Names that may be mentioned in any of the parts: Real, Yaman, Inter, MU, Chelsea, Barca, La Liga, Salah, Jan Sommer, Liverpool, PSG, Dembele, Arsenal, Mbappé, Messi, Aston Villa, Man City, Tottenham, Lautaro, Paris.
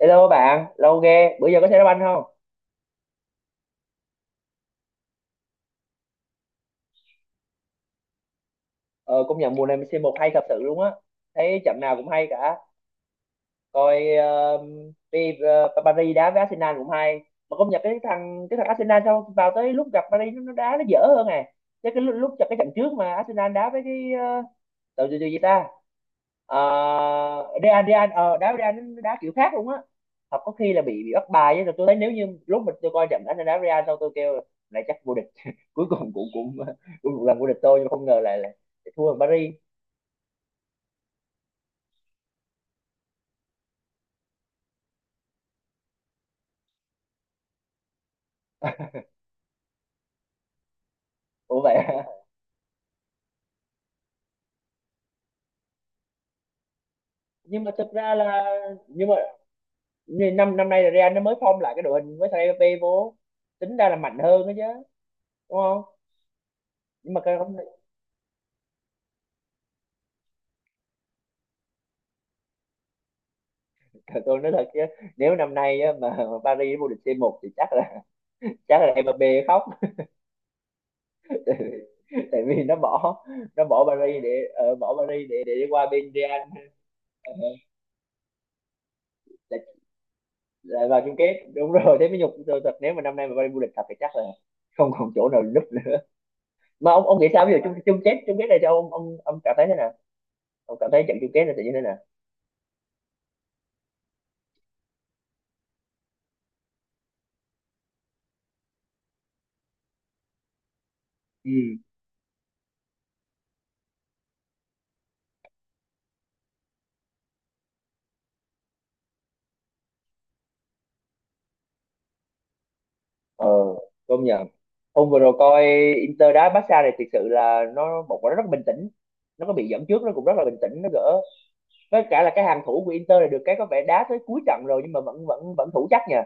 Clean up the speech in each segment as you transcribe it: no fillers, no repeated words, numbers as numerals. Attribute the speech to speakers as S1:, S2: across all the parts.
S1: Hello bạn, lâu ghê, bữa giờ có xem đá banh không? Ờ, công nhận mùa này c một hay thật sự luôn á, thấy trận nào cũng hay cả. Coi đi Paris đá với Arsenal cũng hay, mà công nhận cái thằng Arsenal sau vào tới lúc gặp Paris nó đá nó dở hơn à, chứ cái lúc cho cái trận trước mà Arsenal đá với cái đội gì gì ta, Real Real ờ, đá với Real nó đá kiểu khác luôn á. Hoặc có khi là bị bắt bài á. Rồi tôi thấy nếu như lúc mình tôi coi trận Arsenal đá Real, sau tôi kêu lại chắc vô địch cuối cùng cũng cũng cũng một lần vô địch tôi, nhưng mà không ngờ lại là, thua ở Paris. Ủa vậy à? Nhưng mà thực ra là, nhưng mà nên năm năm nay là Real nó mới form lại cái đội hình với thằng Mbappé vô, tính ra là mạnh hơn đó chứ, đúng không? Nhưng mà cái không, thật tôi nói thật chứ, nếu năm nay á, mà Paris vô địch C1 thì chắc là, chắc là Mbappé khóc. Tại vì nó bỏ, nó bỏ Paris để, bỏ Paris để đi qua bên Real. ờ, Lại, lại vào chung kết đúng rồi, thế mới nhục tôi thật, nếu mà năm nay mà Paris vô địch thật thì chắc là không còn chỗ nào núp nữa. Mà ông nghĩ sao bây giờ, chung chung kết này cho ông cảm thấy thế nào, ông cảm thấy trận chung kết này sẽ như thế nào? Ừ. Ờ công nhận. Hôm vừa rồi coi Inter đá Barca này, thực sự là nó một quả nó rất bình tĩnh, nó có bị dẫn trước nó cũng rất là bình tĩnh nó gỡ, với cả là cái hàng thủ của Inter này được cái có vẻ đá tới cuối trận rồi nhưng mà vẫn vẫn vẫn thủ chắc nha.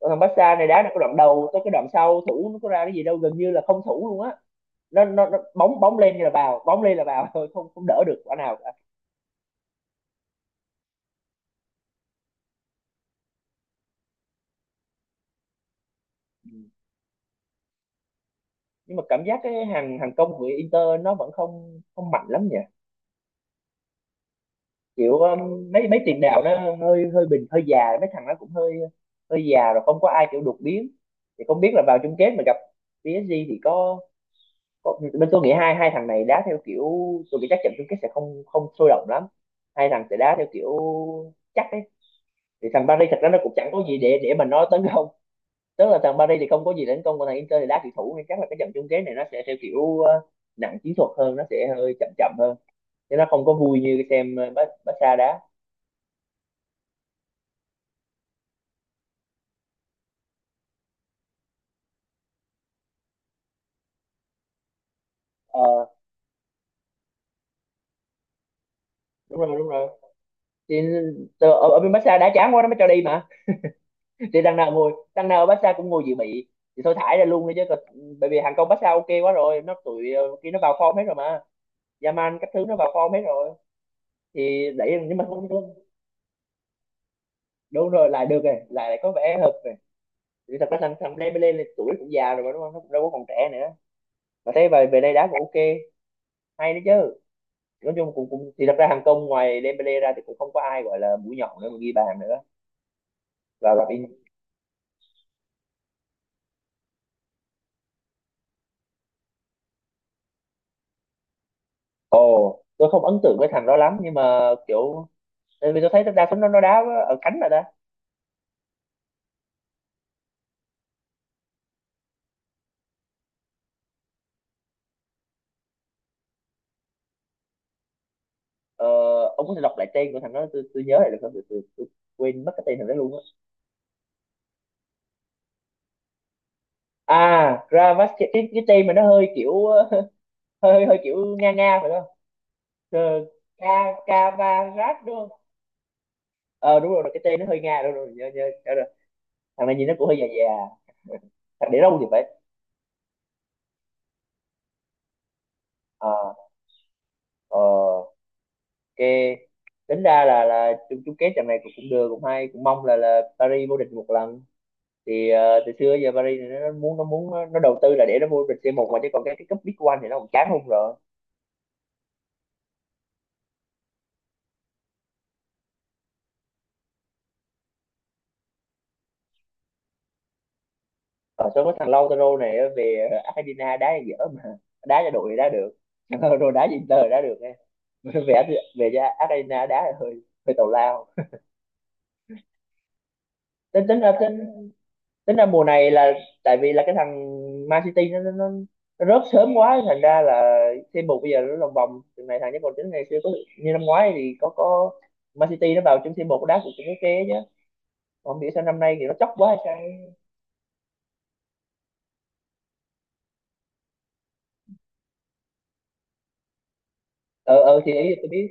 S1: Còn thằng Barca này đá nó cái đoạn đầu tới cái đoạn sau thủ nó có ra cái gì đâu, gần như là không thủ luôn á. Nó bóng bóng lên như là vào, bóng lên là vào thôi không không đỡ được quả nào cả. Ừ. Nhưng mà cảm giác cái hàng hàng công của Inter nó vẫn không không mạnh lắm nhỉ, kiểu mấy mấy tiền đạo nó hơi hơi bình hơi già, mấy thằng nó cũng hơi, hơi già rồi không có ai kiểu đột biến. Thì không biết là vào chung kết mà gặp PSG thì có bên tôi nghĩ hai hai thằng này đá theo kiểu, tôi nghĩ chắc trận chung kết sẽ không không sôi động lắm, hai thằng sẽ đá theo kiểu chắc ấy. Thì thằng Paris thật ra nó cũng chẳng có gì để mà nó tấn công, tức là thằng Paris thì không có gì để tấn công, còn thằng Inter thì đá kiểu thủ, nên chắc là cái trận chung kết này nó sẽ theo kiểu nặng chiến thuật hơn, nó sẽ hơi chậm chậm hơn, chứ nó không có vui như cái xem Barca đá. Ờ, đúng rồi đúng rồi. Thì ở, ở bên massage đã chán quá nó mới cho đi mà, thì đằng nào ngồi, đằng nào ở massage cũng ngồi dự bị thì thôi thải ra luôn đi chứ còn- bởi vì hàng công massage ok quá rồi, nó tụi kia nó vào form hết rồi mà, Yaman các thứ nó vào form hết rồi. Thì đấy nhưng mà không đúng, đúng rồi lại được rồi, lại, lại có vẻ hợp rồi. Thì thật ra thằng thằng Dembele lên tuổi cũng già rồi mà đúng không, nó cũng đâu có còn trẻ nữa, mà thấy về về đây đá cũng ok, hay đấy chứ. Nói chung cũng cũng, thì thật ra hàng công ngoài Dembele ra thì cũng không có ai gọi là mũi nhọn nữa mà ghi bàn nữa, và Robinho. Ồ, tôi không ấn tượng với thằng đó lắm nhưng mà kiểu, tại vì tôi thấy đa số nó đá ở cánh rồi đó. Ờ, ông có thể đọc lại tên của thằng đó tôi nhớ lại được không? Tôi quên mất cái tên thằng đó luôn á. À, Gravas, cái tên mà nó hơi kiểu hơi hơi, kiểu nga nga phải không? Ờ, Ka, Kavarat đúng không? Ờ đúng rồi, cái tên nó hơi nga, đúng rồi, nhớ nhớ nhớ rồi. Thằng này nhìn nó cũng hơi già già, thằng để đâu thì phải. Ờ ờ ok. Tính ra là chung chung kết trận này cũng cũng được cũng hay, cũng mong là Paris vô địch một lần. Thì từ xưa giờ Paris thì nó muốn nó, đầu tư là để nó vô địch C1 mà, chứ còn cái cúp Big One thì nó cũng chán không rồi. Ở số có thằng Lautaro này á, về Argentina đá thì dở, mà đá cho đội thì đá được, thằng Lautaro đá cho Inter thì đá được nghe. Về, về cho Argentina đá thì hơi, hơi tào lao. Tính tính ra mùa này là, tại vì là cái thằng Man City nó, nó rớt sớm quá thành ra là c một bây giờ nó lòng vòng từ này thằng, chứ còn tính ngày xưa có, như năm ngoái thì có Man City nó vào chung c một đá cũng cũng ok chứ, không biết sao năm nay thì nó chóc quá hay sao. Ờ ờ thì ý tôi biết.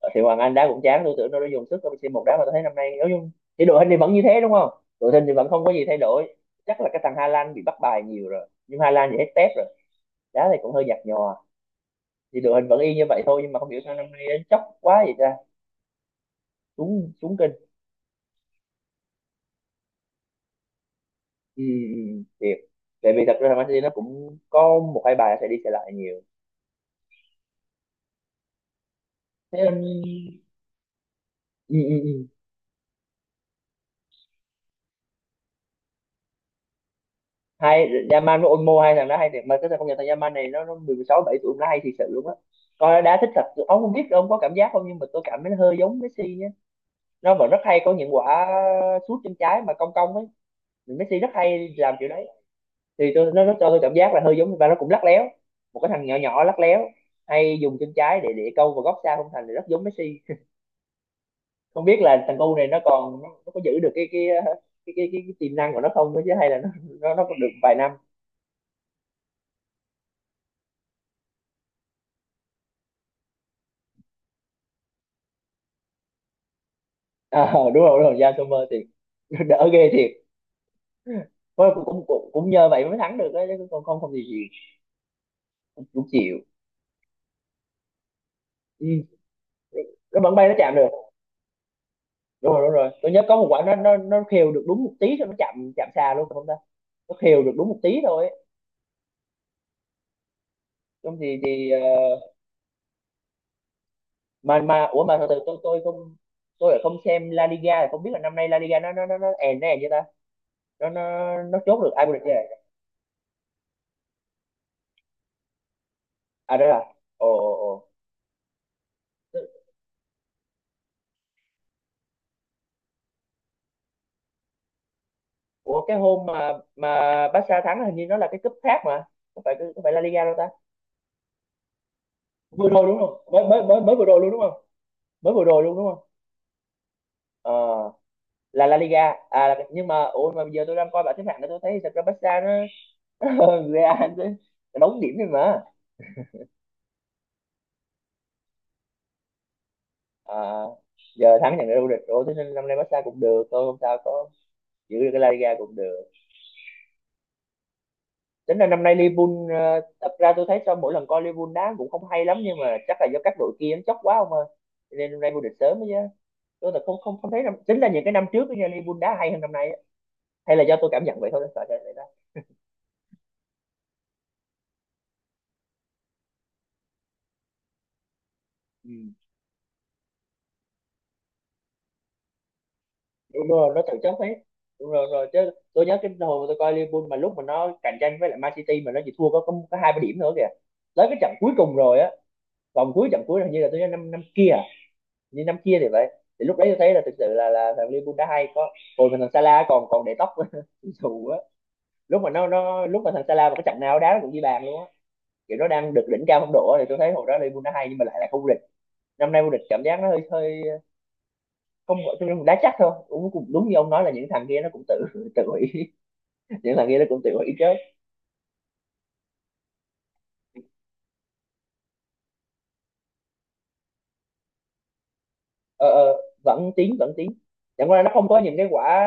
S1: Ờ, thì Hoàng Anh đá cũng chán, tôi tưởng nó đã dùng sức rồi một đá, mà tôi thấy năm nay nói chung thì đội hình thì vẫn như thế đúng không, đội hình thì vẫn không có gì thay đổi. Chắc là cái thằng Hà Lan bị bắt bài nhiều rồi, nhưng Hà Lan thì hết tép rồi, đá thì cũng hơi nhạt nhòa, thì đội hình vẫn y như vậy thôi, nhưng mà không hiểu sao năm nay nó chóc quá vậy ta, xuống xuống kinh. Ừ, ừ, ừ, thiệt. Tại vì thật ra là Man City nó cũng có một hai bài sẽ đi sẽ lại nhiều, thế nên, ừ, ừ, ừ. Hay, Yaman với Olmo hai thằng đó hay thiệt, mà cái thằng công nhận thằng Yaman này nó 16 7 tuổi nó hay thiệt sự luôn á, coi nó đá thích thật. Ông không biết ông có cảm giác không, nhưng mà tôi cảm thấy nó hơi giống Messi nhé, nó mà rất hay có những quả sút chân trái mà cong cong ấy, Messi rất hay làm kiểu đấy. Thì tôi nó cho tôi cảm giác là hơi giống, và nó cũng lắc léo, một cái thằng nhỏ nhỏ lắc léo, hay dùng chân trái để câu vào góc xa không thành, thì rất giống Messi. Không biết là thằng cu này nó có giữ được cái tiềm năng của nó không nữa, chứ hay là nó còn được vài năm. À, đúng rồi đúng rồi, Jan Sommer thì đỡ ghê thiệt. Thôi cũng cũng cũng nhờ vậy mới thắng được đấy chứ, còn không không thì gì cũng chịu. Ừ. Nó bắn bay nó chạm được, đúng rồi tôi nhớ có một quả nó khều được đúng một tí thôi, nó chạm chạm xa luôn không ta, nó khều được đúng một tí thôi ấy. Không thì mà ủa mà từ từ tôi lại không xem La Liga, là không biết là năm nay La Liga nó èn èn như ta, nó chốt được ai vô địch vậy? À đó là ồ ồ ồ. Ủa cái hôm mà Barca thắng là hình như nó là cái cúp khác mà, không phải La Liga đâu ta. Vừa rồi đúng không, mới mới mới mới vừa rồi luôn đúng không? Mới vừa rồi luôn đúng không? Ờ, là La Liga à, nhưng mà ủa mà giờ tôi đang coi bảng xếp hạng đó, tôi thấy thật ra Barca nó nó hơn Real, nó đóng điểm thôi mà. À, giờ thắng nhận được vô địch rồi, thế nên năm nay Barca cũng được thôi, không sao, có giữ được cái La Liga cũng được. Tính là năm nay Liverpool, thật ra tôi thấy sau mỗi lần coi Liverpool đá cũng không hay lắm, nhưng mà chắc là do các đội kia nó chóc quá không ơi, cho nên năm nay vô địch sớm ấy chứ. Tôi là không không không thấy năm, chính là những cái năm trước đó nha, Liverpool đá hay hơn năm nay á. Hay là do tôi cảm nhận vậy thôi, sợ là vậy đó. Ừ. Đúng rồi, nó cạnh tranh hết. Đúng rồi rồi chứ, tôi nhớ cái hồi mà tôi coi Liverpool mà lúc mà nó cạnh tranh với lại Man City mà nó chỉ thua có hai ba điểm nữa kìa, tới cái trận cuối cùng rồi á. Vòng cuối trận cuối là hình như là tôi nhớ năm năm kia à? Hình như năm kia thì vậy. Thì lúc đấy tôi thấy là thực sự là thằng Liverpool đã hay, có hồi mà thằng Salah còn còn để tóc dù á. Lúc mà thằng Salah mà cái trận nào đá nó cũng ghi bàn luôn á, kiểu nó đang được đỉnh cao phong độ á, thì tôi thấy hồi đó Liverpool đã hay nhưng mà lại là không vô địch. Năm nay vô địch cảm giác nó hơi hơi công nghệ, tôi cũng đá chắc thôi, cũng cũng đúng như ông nói là những thằng kia nó cũng tự tự hủy những thằng kia nó cũng tự hủy chứ. Ờ, Vẫn tiến vẫn tiến, chẳng qua là nó không có những cái quả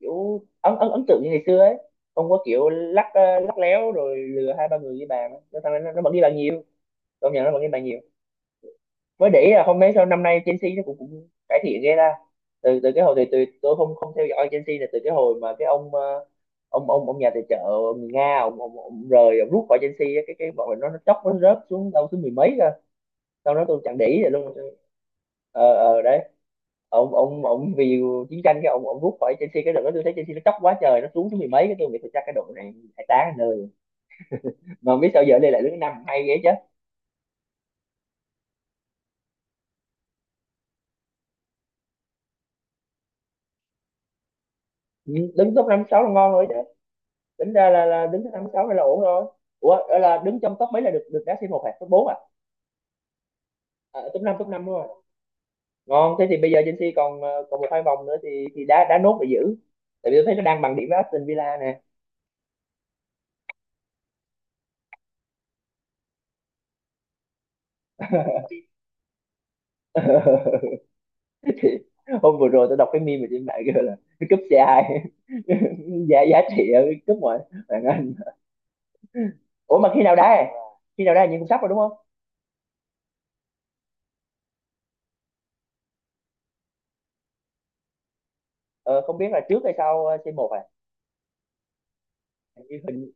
S1: kiểu ấn ấn ấn tượng như ngày xưa ấy. Không có kiểu lắc léo rồi lừa hai ba người với bàn á. Nó thằng này nó vẫn ghi bàn nhiều, công nhận nó vẫn ghi bàn nhiều. Mới để ý là không mấy sau năm nay Chelsea nó cũng cải thiện ghê ra. Từ từ cái hồi thì từ tôi không không theo dõi Chelsea là từ cái hồi mà cái ông ông nhà tài trợ người Nga, ông rút khỏi Chelsea á, cái bọn mình nó chốc nó rớt xuống đâu thứ mười mấy cơ, sau đó tôi chẳng để ý rồi luôn. Ờ ờ đấy, ông vì chiến tranh cái ông rút khỏi Chelsea. Cái đợt đó tôi thấy Chelsea nó chóc quá trời, nó xuống thứ mười mấy, cái tôi nghĩ tôi chắc cái đội này phải tá nơi, mà không biết sao giờ đây lại đứng năm hay vậy chứ. Ừ, đứng top năm sáu là ngon rồi chứ, tính ra là đứng thứ năm sáu hay là ổn rồi. Ủa là đứng trong top mấy là được được đá C một hả, top 4 à? À top 5 đúng rồi, ngon. Thế thì bây giờ Chelsea còn còn một hai vòng nữa, thì đá đá nốt để giữ, tại vì tôi thấy nó đang bằng điểm với Aston Villa nè. Thì hôm vừa rồi tôi đọc cái meme mà trên mạng kêu là cái cúp C2 giá giá trị ở cái cúp ngoại bạn Anh. Ủa mà khi nào đá à? Khi nào đá như cũng sắp rồi đúng không? Ờ, Không biết là trước hay sau một 1 à. Hình như hình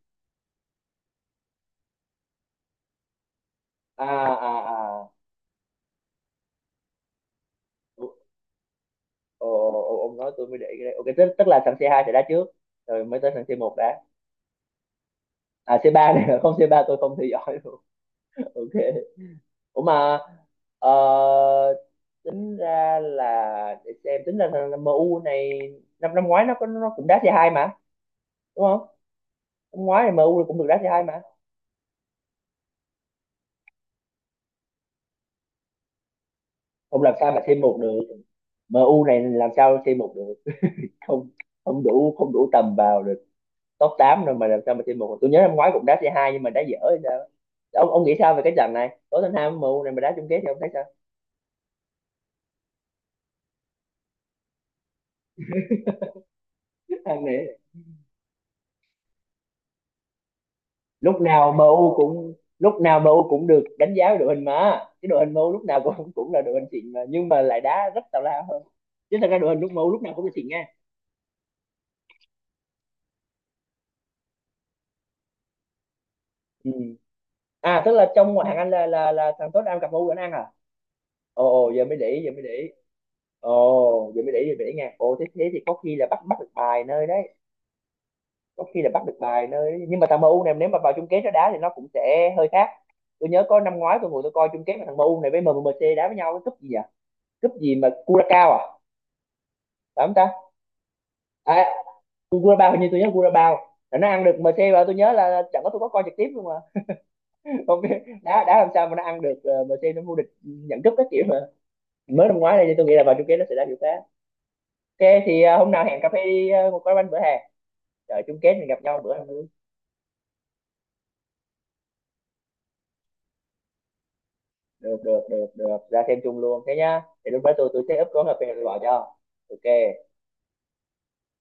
S1: à à à. Ồ, ồ, ồ, ông nói tôi mới để ý cái đấy. Ok, tức là thằng C2 sẽ đá trước, rồi mới tới thằng C1 đá. À, C3 này, không C3 tôi không theo dõi luôn. Ok. Ủa mà, ờ, tính ra là, để xem, tính ra thằng MU này, năm năm ngoái nó cũng đá C2 mà, đúng không? Năm ngoái thì MU cũng được đá C2 mà. Không làm sao mà C1 được, MU này làm sao C1 được. Không, không đủ, không đủ tầm vào được. Top 8 rồi mà làm sao mà chơi một? Tôi nhớ năm ngoái cũng đá C2 nhưng mà đá dở hay sao. Ông nghĩ sao về cái trận này, Tottenham MU này mà đá chung kết thì ông thấy sao? Lúc nào MU cũng được đánh giá về đội hình, mà cái đội hình MU lúc nào cũng cũng là đội hình xịn mà nhưng mà lại đá rất tào lao hơn. Chứ thật ra đội hình lúc MU lúc nào cũng là xịn nha. Ừ. À tức là trong ngoại hạng Anh là thằng Tottenham gặp MU đánh ăn à? Ồ ồ, giờ mới để ý giờ mới để ý. Ồ giờ mới để ý giờ mới để ý nha, ồ thế thế thì có khi là bắt bắt được bài nơi đấy, có khi là bắt được bài nơi. Nhưng mà thằng MU này nếu mà vào chung kết nó đá thì nó cũng sẽ hơi khác. Tôi nhớ có năm ngoái tôi ngồi tôi coi chung kết mà thằng MU này với MMC đá với nhau cái cúp gì à, cúp gì mà Curacao à phải không ta? À Curacao, hình như tôi nhớ Curacao là nó ăn được MC, và tôi nhớ là chẳng có, tôi có coi trực tiếp luôn mà không biết đá đá làm sao mà nó ăn được, MC nó vô địch nhận cúp các kiểu mà. Mới năm ngoái này thì tôi nghĩ là vào chung kết nó sẽ đá kiểu khác. Ok thì hôm nào hẹn cà phê đi, một quán bánh bữa hè, trời chung kết mình gặp nhau bữa ăn. Được được được được ra thêm chung luôn thế nhá, để lúc đó tôi check up có hợp đồng rồi tôi bảo cho. Ok.